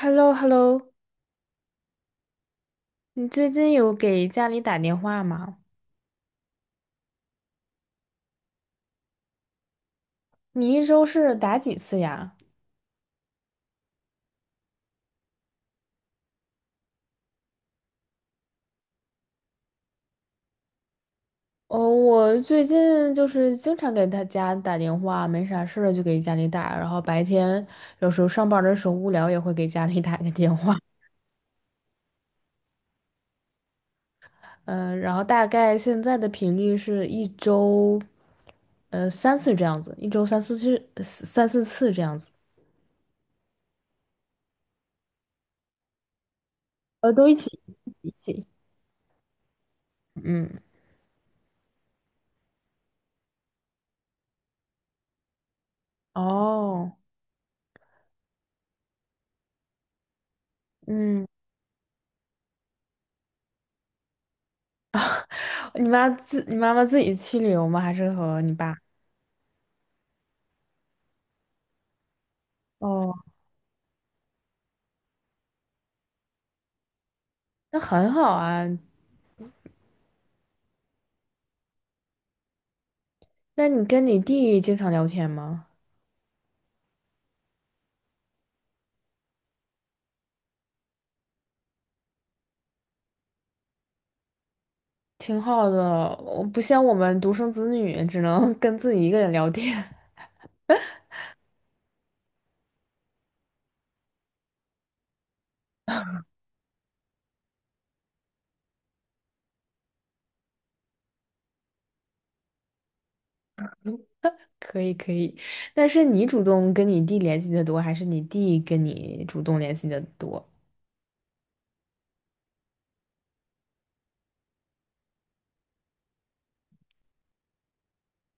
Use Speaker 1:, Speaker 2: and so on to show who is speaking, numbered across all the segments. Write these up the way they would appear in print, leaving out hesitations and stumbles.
Speaker 1: h e l l o hello 你最近有给家里打电话吗？你一周是打几次呀？哦，我最近就是经常给他家打电话，没啥事儿就给家里打，然后白天有时候上班的时候无聊也会给家里打个电话。嗯、然后大概现在的频率是一周，三次这样子，一周三四次，三四次这样子。都一起一起。嗯，哦，嗯。你妈妈自己去旅游吗？还是和你爸？哦，那很好啊。那你跟你弟经常聊天吗？挺好的，我不像我们独生子女，只能 跟自己一个人聊天。可以可以，但是你主动跟你弟联系的多，还是你弟跟你主动联系的多？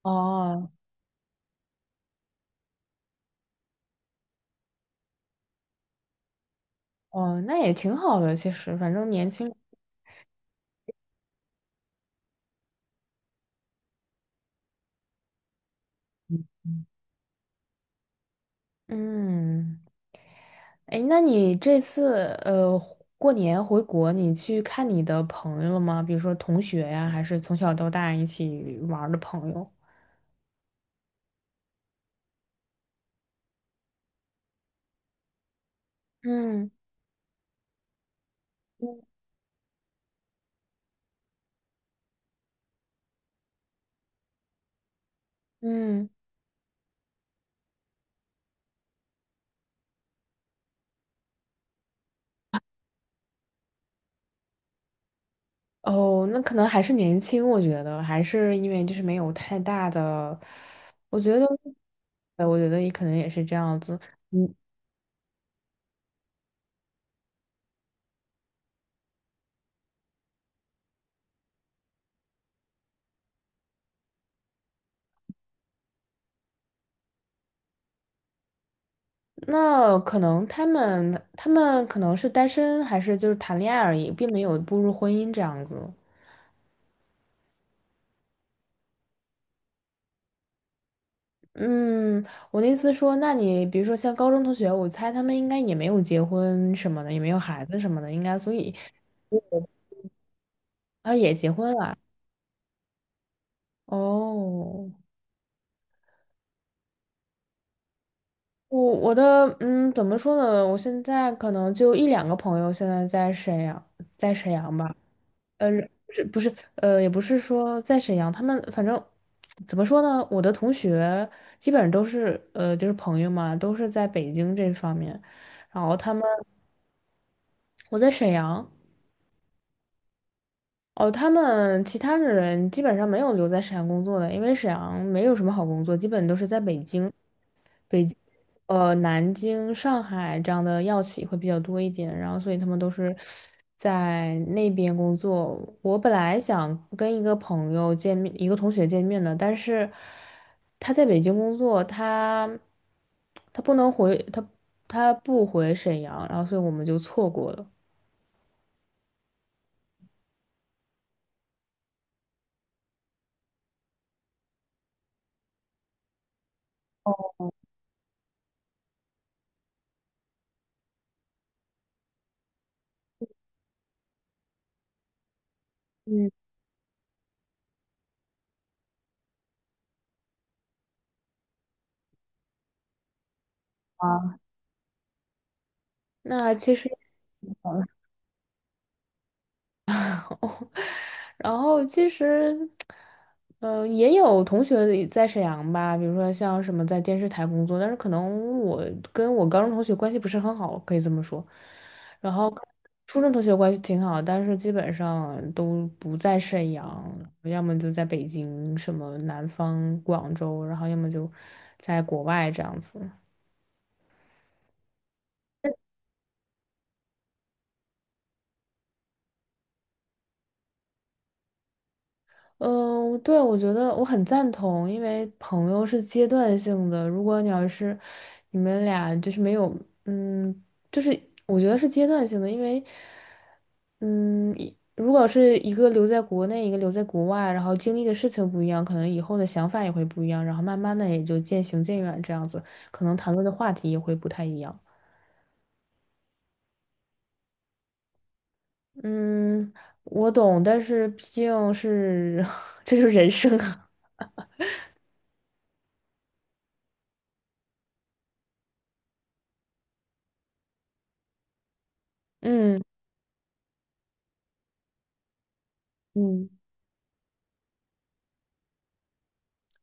Speaker 1: 哦哦，那也挺好的，其实反正年轻人嗯。哎，那你这次过年回国，你去看你的朋友了吗？比如说同学呀，还是从小到大一起玩儿的朋友？嗯，嗯，哦，那可能还是年轻，我觉得还是因为就是没有太大的，我觉得，我觉得也可能也是这样子。嗯，那可能他们可能是单身，还是就是谈恋爱而已，并没有步入婚姻这样子。嗯，我的意思说，那你比如说像高中同学，我猜他们应该也没有结婚什么的，也没有孩子什么的，应该，所以他也结婚了。哦，我的嗯，怎么说呢？我现在可能就一两个朋友现在在沈阳，在沈阳吧。呃，不是,也不是说在沈阳，他们反正怎么说呢？我的同学基本上都是就是朋友嘛，都是在北京这方面，然后他们我在沈阳。哦，他们其他的人基本上没有留在沈阳工作的，因为沈阳没有什么好工作，基本都是在北京、北京、呃南京、上海这样的药企会比较多一点，然后所以他们都是在那边工作。我本来想跟一个朋友见面，一个同学见面的，但是他在北京工作，他不能回，他不回沈阳，然后所以我们就错过了。嗯啊，那其实。然后其实，嗯、也有同学也在沈阳吧，比如说像什么在电视台工作，但是可能我跟我高中同学关系不是很好，可以这么说。然后初中同学关系挺好，但是基本上都不在沈阳，要么就在北京、什么南方、广州，然后要么就在国外这样子。嗯，对，我觉得我很赞同，因为朋友是阶段性的。如果你要是你们俩就是没有，嗯，就是我觉得是阶段性的，因为，嗯，一如果是一个留在国内，一个留在国外，然后经历的事情不一样，可能以后的想法也会不一样，然后慢慢的也就渐行渐远这样子，可能谈论的话题也会不太一样。嗯，我懂，但是毕竟是 这就是人生啊。嗯嗯。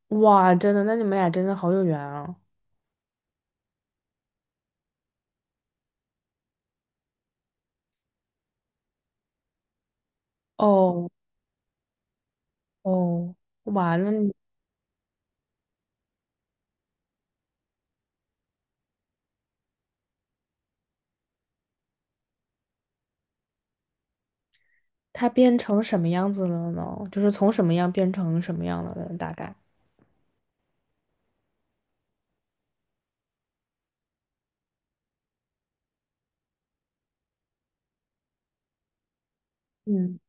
Speaker 1: 哇，真的，那你们俩真的好有缘啊！哦哦，哇，那你他变成什么样子了呢？就是从什么样变成什么样了呢？大概，嗯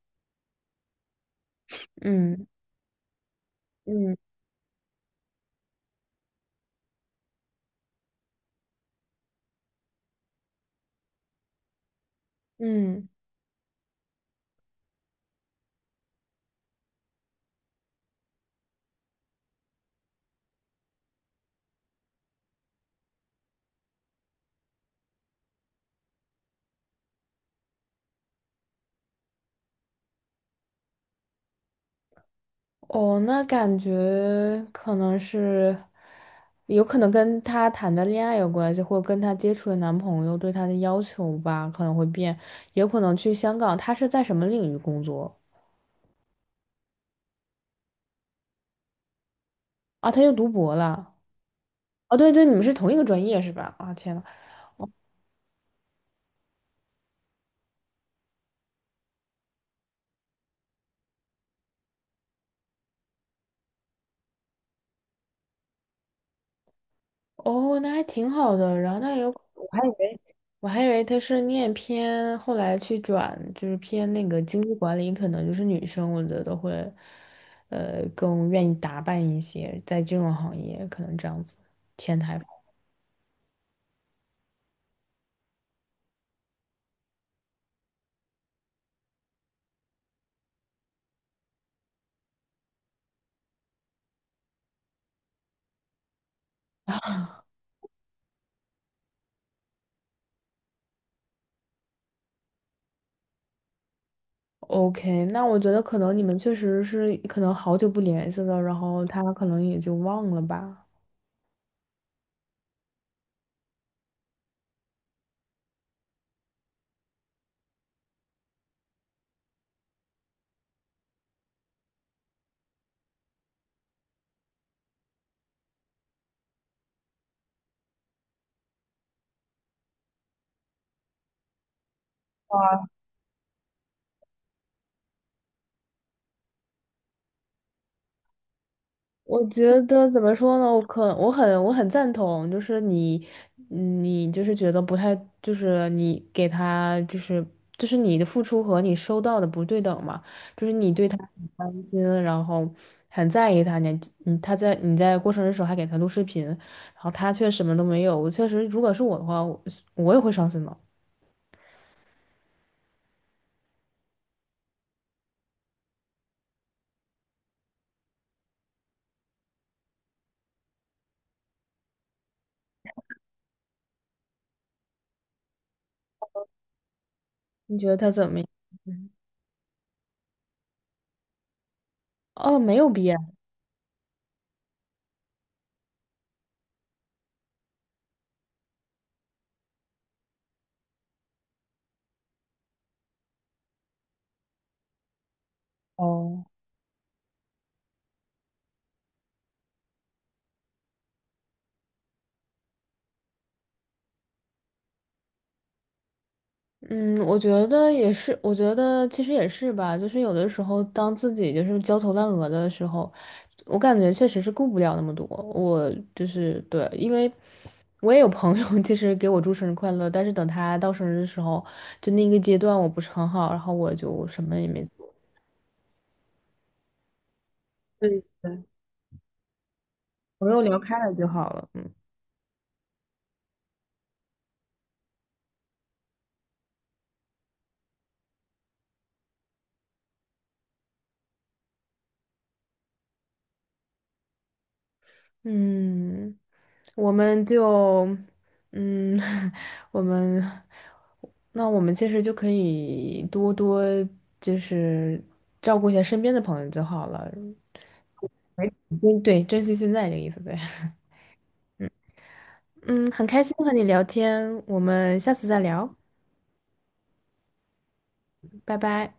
Speaker 1: 嗯嗯嗯，哦，那感觉可能是有可能跟他谈的恋爱有关系，或者跟他接触的男朋友对他的要求吧，可能会变，也有可能去香港。他是在什么领域工作啊？他又读博了？哦，对对，你们是同一个专业是吧？啊，天呐。哦，那还挺好的。然后那有，我还以为他是念偏，后来去转就是偏那个经济管理，可能就是女生，我觉得会，更愿意打扮一些，在金融行业可能这样子，前台。OK,那我觉得可能你们确实是可能好久不联系了，然后他可能也就忘了吧。我觉得怎么说呢？我很赞同，就是你，你就是觉得不太，就是你给他就是就是你的付出和你收到的不对等嘛，就是你对他很关心，然后很在意他，你在过生日的时候还给他录视频，然后他却什么都没有，我确实如果是我的话，我也会伤心的。你觉得他怎么样？嗯哦，没有必要。嗯，我觉得也是，我觉得其实也是吧，就是有的时候当自己就是焦头烂额的时候，我感觉确实是顾不了那么多。我就是对，因为我也有朋友 其实给我祝生日快乐，但是等他到生日的时候，就那个阶段我不是很好，然后我就什么也没做，看着就好了。嗯，我们就，嗯，我们，那我们其实就可以多多就是照顾一下身边的朋友就好了。嗯对，珍惜现在这个意思，对。嗯，很开心和你聊天，我们下次再聊，拜拜。